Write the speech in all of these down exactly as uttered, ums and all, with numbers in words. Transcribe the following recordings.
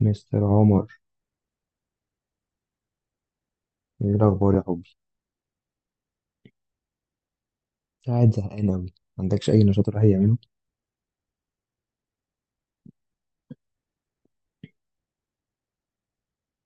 مستر عمر، ايه الاخبار يا حبي؟ قاعد زهقان قوي. ما عندكش اي نشاط الواحد يعمله؟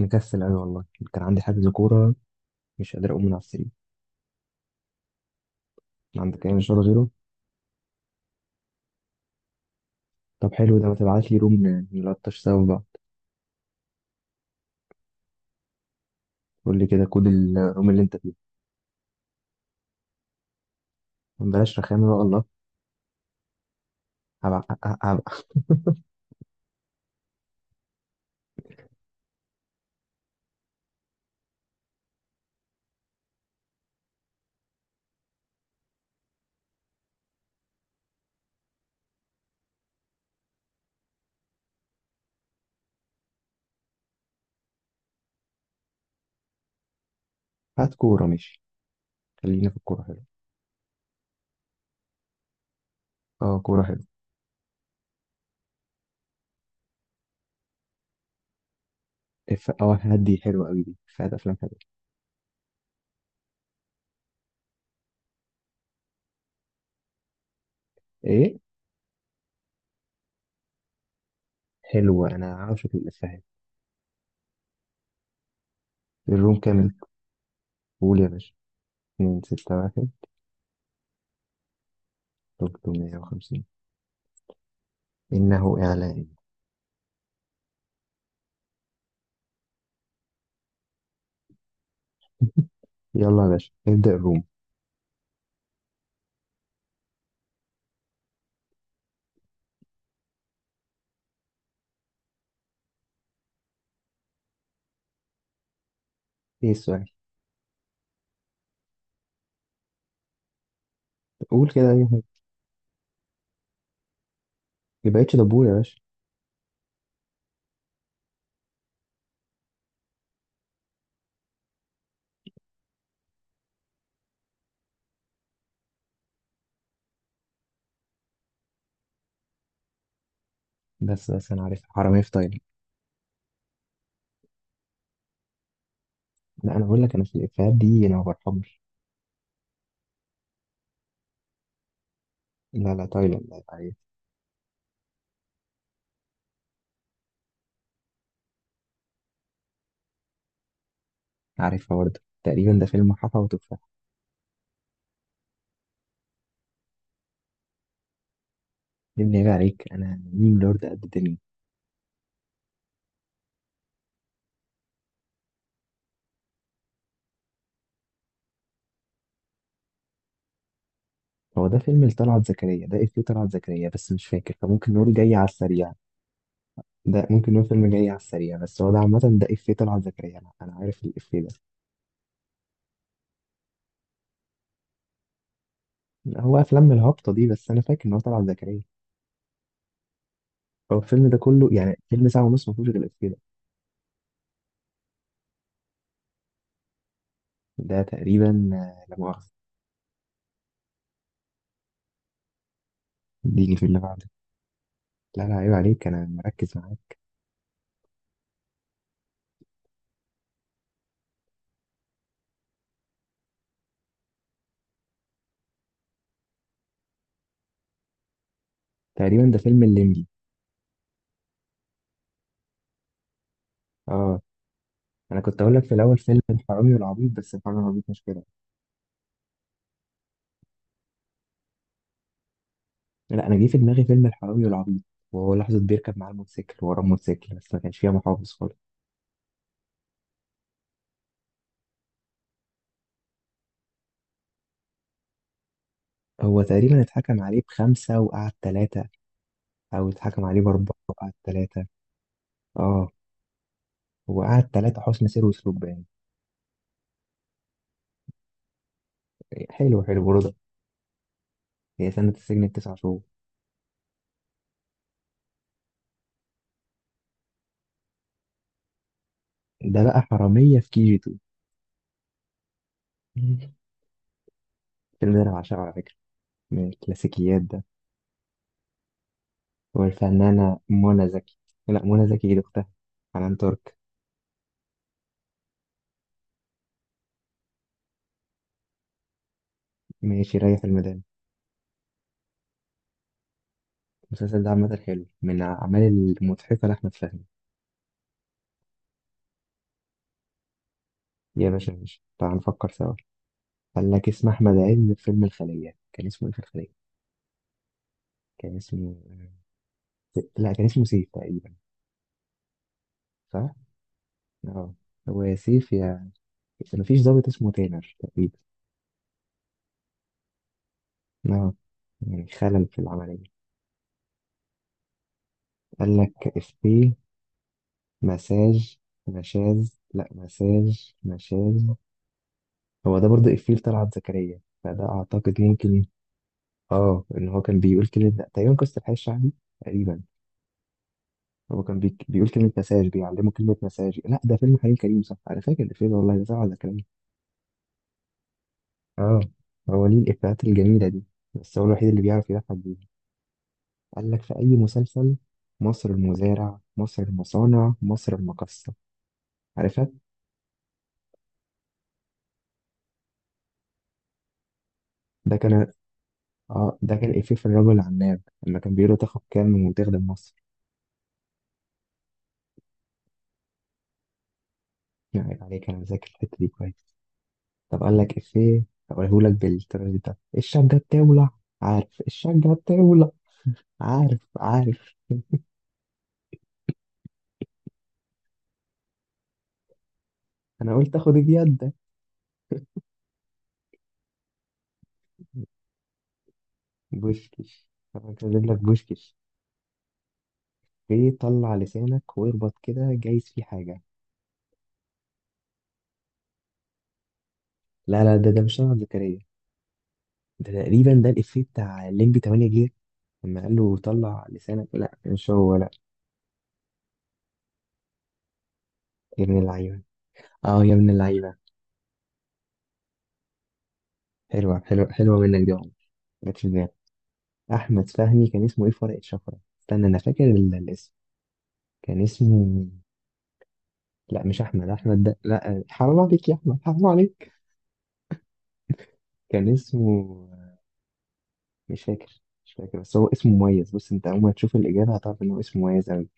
مكسل قوي والله. كان عندي حجز كوره، مش قادر اقوم من على السرير. ما عندك اي نشاط غيره؟ طب حلو ده، ما تبعت لي روم ن- نلطش سوا بقى. قول لي كده كود الروم اللي انت فيه. بلاش رخامه بقى الله. هبع- ه- ه- هات كوره ماشي. خلينا في الكوره حلو. اه كوره حلو. اف اه هدي حلوه قوي دي، فات افلام حلوه. ايه، حلوه انا عاشق الافيهات. الروم كامل، قول يا باشا. اتنين ستة واحد. تلتمية وخمسين. إنه إعلان. يلا يا باشا نبدأ الروم. ايه السؤال؟ قول كده اي حاجه. ما بقتش دبور يا باشا. بس بس انا عارف، حرامية في تايلاند. لا انا اقول لك، انا في الافيهات دي انا ما برحمش. لا لا تايلاند، لا يبقى عليك. عارفها برضه، تقريبا ده فيلم حفا وتفاح. يا ابني عيب عليك، انا ميم لورد قد الدنيا. هو ده فيلم لطلعت زكريا، ده افيه طلعت زكريا بس مش فاكر، فممكن نقول جاي على السريع. ده ممكن نقول فيلم جاي على السريع، بس هو ده عامة ده افيه طلعت زكريا، انا أنا عارف الافيه ده. هو افلام الهبطة دي، بس انا فاكر ان هو طلعت زكريا. هو الفيلم ده كله يعني فيلم ساعة ونص ما فيهوش غير الإفيه ده. ده تقريبا آه، لا مؤاخذة. اديني في اللي بعده. لا لا عيب عليك، أنا مركز معاك. تقريبا ده فيلم الليمبي. اه، أنا كنت أقول لك في الأول فيلم الحرامي والعبيط، بس الحرامي والعبيط مش كده. لا أنا جه في دماغي فيلم الحرامي والعبيط، وهو لحظة بيركب معاه الموتوسيكل وراه الموتوسيكل، بس ما كانش فيها محافظ خالص. هو تقريبا اتحكم عليه بخمسة وقعد ثلاثة، أو اتحكم عليه بأربعة وقعد ثلاثة. اه، هو قعد ثلاثة حسن سير وسلوك باين. حلو حلو رضا. هي سنة السجن التسع شهور. ده بقى حرامية في كي جي تو. الفيلم ده أنا بعشقه على فكرة، من الكلاسيكيات ده. والفنانة منى زكي. لا منى زكي دي أختها، حنان ترك. ماشي، ريح الميدان. المسلسل ده عامة حلو، من الأعمال المضحكة لأحمد فهمي. يا باشا ماشي، تعال نفكر سوا. قال لك اسم أحمد عز في فيلم الخلية كان اسمه إيه في الخلية؟ كان اسمه آه، لا، كان اسمه سيف تقريبا. صح؟ اه. هو يا سيف يا، بس مفيش ضابط اسمه تامر تقريبا. اه، يعني خلل في العملية. قال لك إفيه مساج. مشاز، لا مساج مشاز. هو ده برضه إفيه لطلعت زكريا، فده أعتقد يمكن. آه، إن هو كان بيقول كلمة تقريبا قصة الحي الشعبي تقريبا. هو كان بي... بيقول كلمة مساج، بيعلمه كلمة مساج. لا ده فيلم حليم كريم صح، أنا فاكر الإفيه ده والله، ده طلعت زكريا. آه. هو ليه الإفيهات الجميلة دي، بس هو الوحيد اللي بيعرف يضحك بيها. قال لك في أي مسلسل. مصر المزارع مصر المصانع مصر المقصة، عارفها. ده كان آه ده كان إفيه في الرجل العناب، لما كان بيقول له تاخد كام وتخدم مصر. يعني عليك، أنا ذاكر الحتة دي كويس. طب قال لك إفيه. هقولهولك بالطريقة ده، الشجة بتولع. عارف الشجة بتولع. عارف عارف. أنا قلت آخد بيدك. بوشكش. طب أنا كاتب لك بوشكش. إيه طلع لسانك واربط كده، جايز فيه حاجة. لا لا ده ده مش طلعت زكريا، ده تقريبا ده الإفيه بتاع الليمبي تمنية جيجا، لما قال له طلع لسانك. لا مش هو لا. يا ابن اللعيبة. اه يا ابن اللعيبة. حلوة حلوة حلوة منك دي يا عمر، جت في دماغي. أحمد فهمي كان اسمه إيه في ورقة شفرة؟ استنى أنا فاكر ال- الاسم. كان اسمه. لا مش احمد، احمد ده لا حرام عليك يا احمد حرام عليك. كان اسمه مش فاكر مش فاكر، بس هو اسمه مميز، بص انت اول ما تشوف الاجابه هتعرف ان هو اسمه مميز قوي.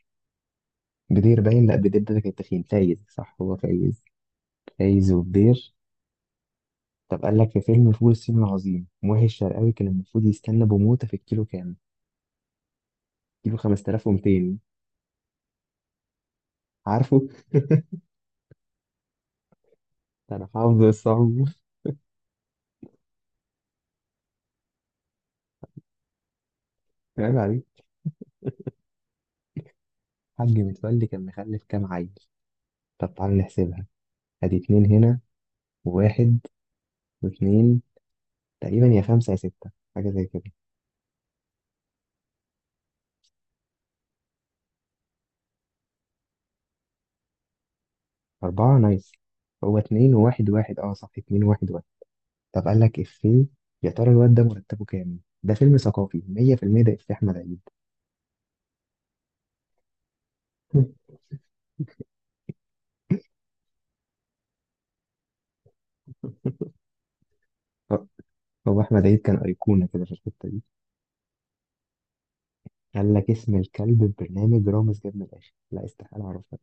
بدير، باين لا بدير ده كان تخين. فايز صح هو فايز. فايز وبدير. طب قال لك في فيلم فول الصين العظيم، ماهي الشرقاوي كان المفروض يستنى بموته في الكيلو كام؟ كيلو خمسة آلاف ومتين. عارفه؟ انا حافظ الصعب. عيب عليك. حاج متولي كان مخلف كام عيل؟ طب تعالى نحسبها. ادي اتنين هنا وواحد واثنين، تقريبا يا خمسة يا ستة، حاجة زي كده. أربعة نايس. هو اتنين وواحد واحد، اه صح اتنين وواحد واحد. طب قال لك إفيه. يا ترى الواد ده مرتبه كام؟ ده فيلم ثقافي مية بالمية. ده إفيه أحمد عيد. هو هو أحمد عيد كان أيقونة كده في الحتة دي. قال لك اسم الكلب في برنامج رامز جاب من الآخر. لا استحالة أعرفها.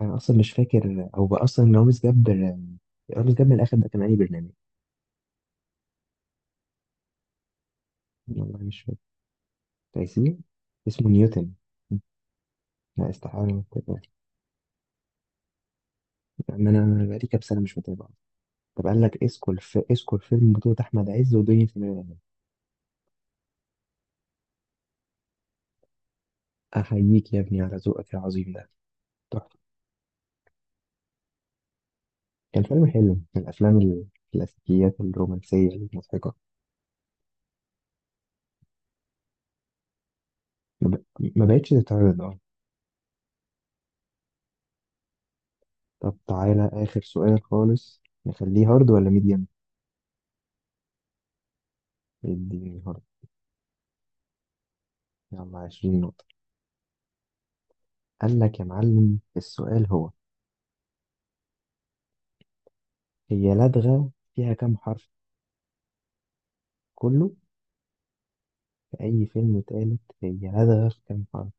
أنا أصلا مش فاكر، أو بقى أصلا رامز جاب. رامز جاب من الآخر ده كان أي برنامج؟ والله مش فاكر. تايسير. اسمه نيوتن. لا استحالة ما أفتكرش. يعني أنا بقالي كام سنة مش متابع. طب قال لك اسكو الف... اسكو الفيلم بطولة أحمد عز ودنيا سمير غانم. أحييك يا ابني على ذوقك العظيم ده، تحفة. كان فيلم حلو من الأفلام، الكلاسيكيات الرومانسية المضحكة. ما, ب... ما بقتش تتعرض أه. طب تعالى آخر سؤال خالص، نخليه هارد ولا ميديم؟ اديني هارد. يلا عشرين نقطة. قال لك يا معلم، السؤال هو: هي لدغة فيها كام حرف؟ كله. في أي فيلم تالت، هي لدغة في كام حرف؟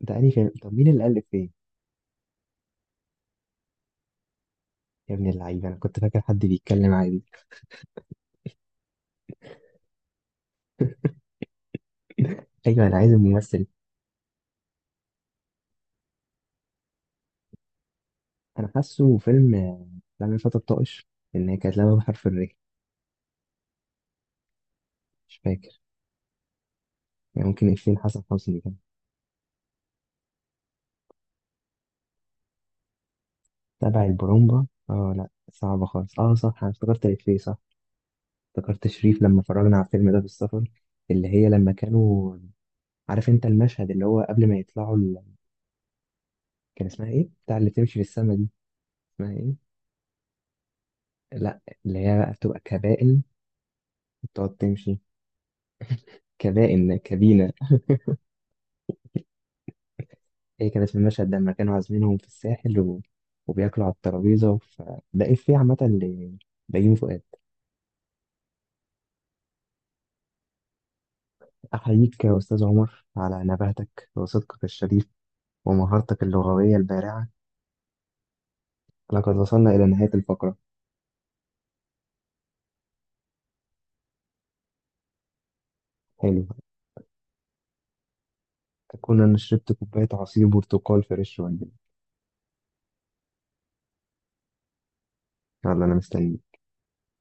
ده أنهي فيلم؟ طب مين اللي ألف فيه؟ يا ابن اللعيبة، أنا كنت فاكر حد بيتكلم عادي. ايوه انا عايز الممثل. انا حاسه فيلم آه، لما الفتى الطائش، ان هي كانت لعبه بحرف الري. مش فاكر. يعني ممكن إفيه حسن حسني كان تبع البرومبا. اه لا صعبة خالص، اه صح انا افتكرت الإفيه صح. افتكرت شريف لما اتفرجنا على الفيلم ده في السفر، اللي هي لما كانوا. عارف انت المشهد اللي هو قبل ما يطلعوا ال... كان اسمها ايه بتاع اللي تمشي في السما دي، اسمها ايه؟ لا. اللي هي بقى بتبقى كبائن، بتقعد تمشي. كبائن كبينة. هي كان اسم المشهد ده لما كانوا عازمينهم في الساحل و... وبياكلوا على الترابيزة ف... ده إفيه عامة ل- بيومي فؤاد. أحييك يا أستاذ عمر على نباهتك وصدقك الشريف ومهارتك اللغوية البارعة. لقد وصلنا إلى نهاية الفقرة. حلو. أكون أنا شربت كوباية عصير برتقال فريش ولا. يلا أنا مستني.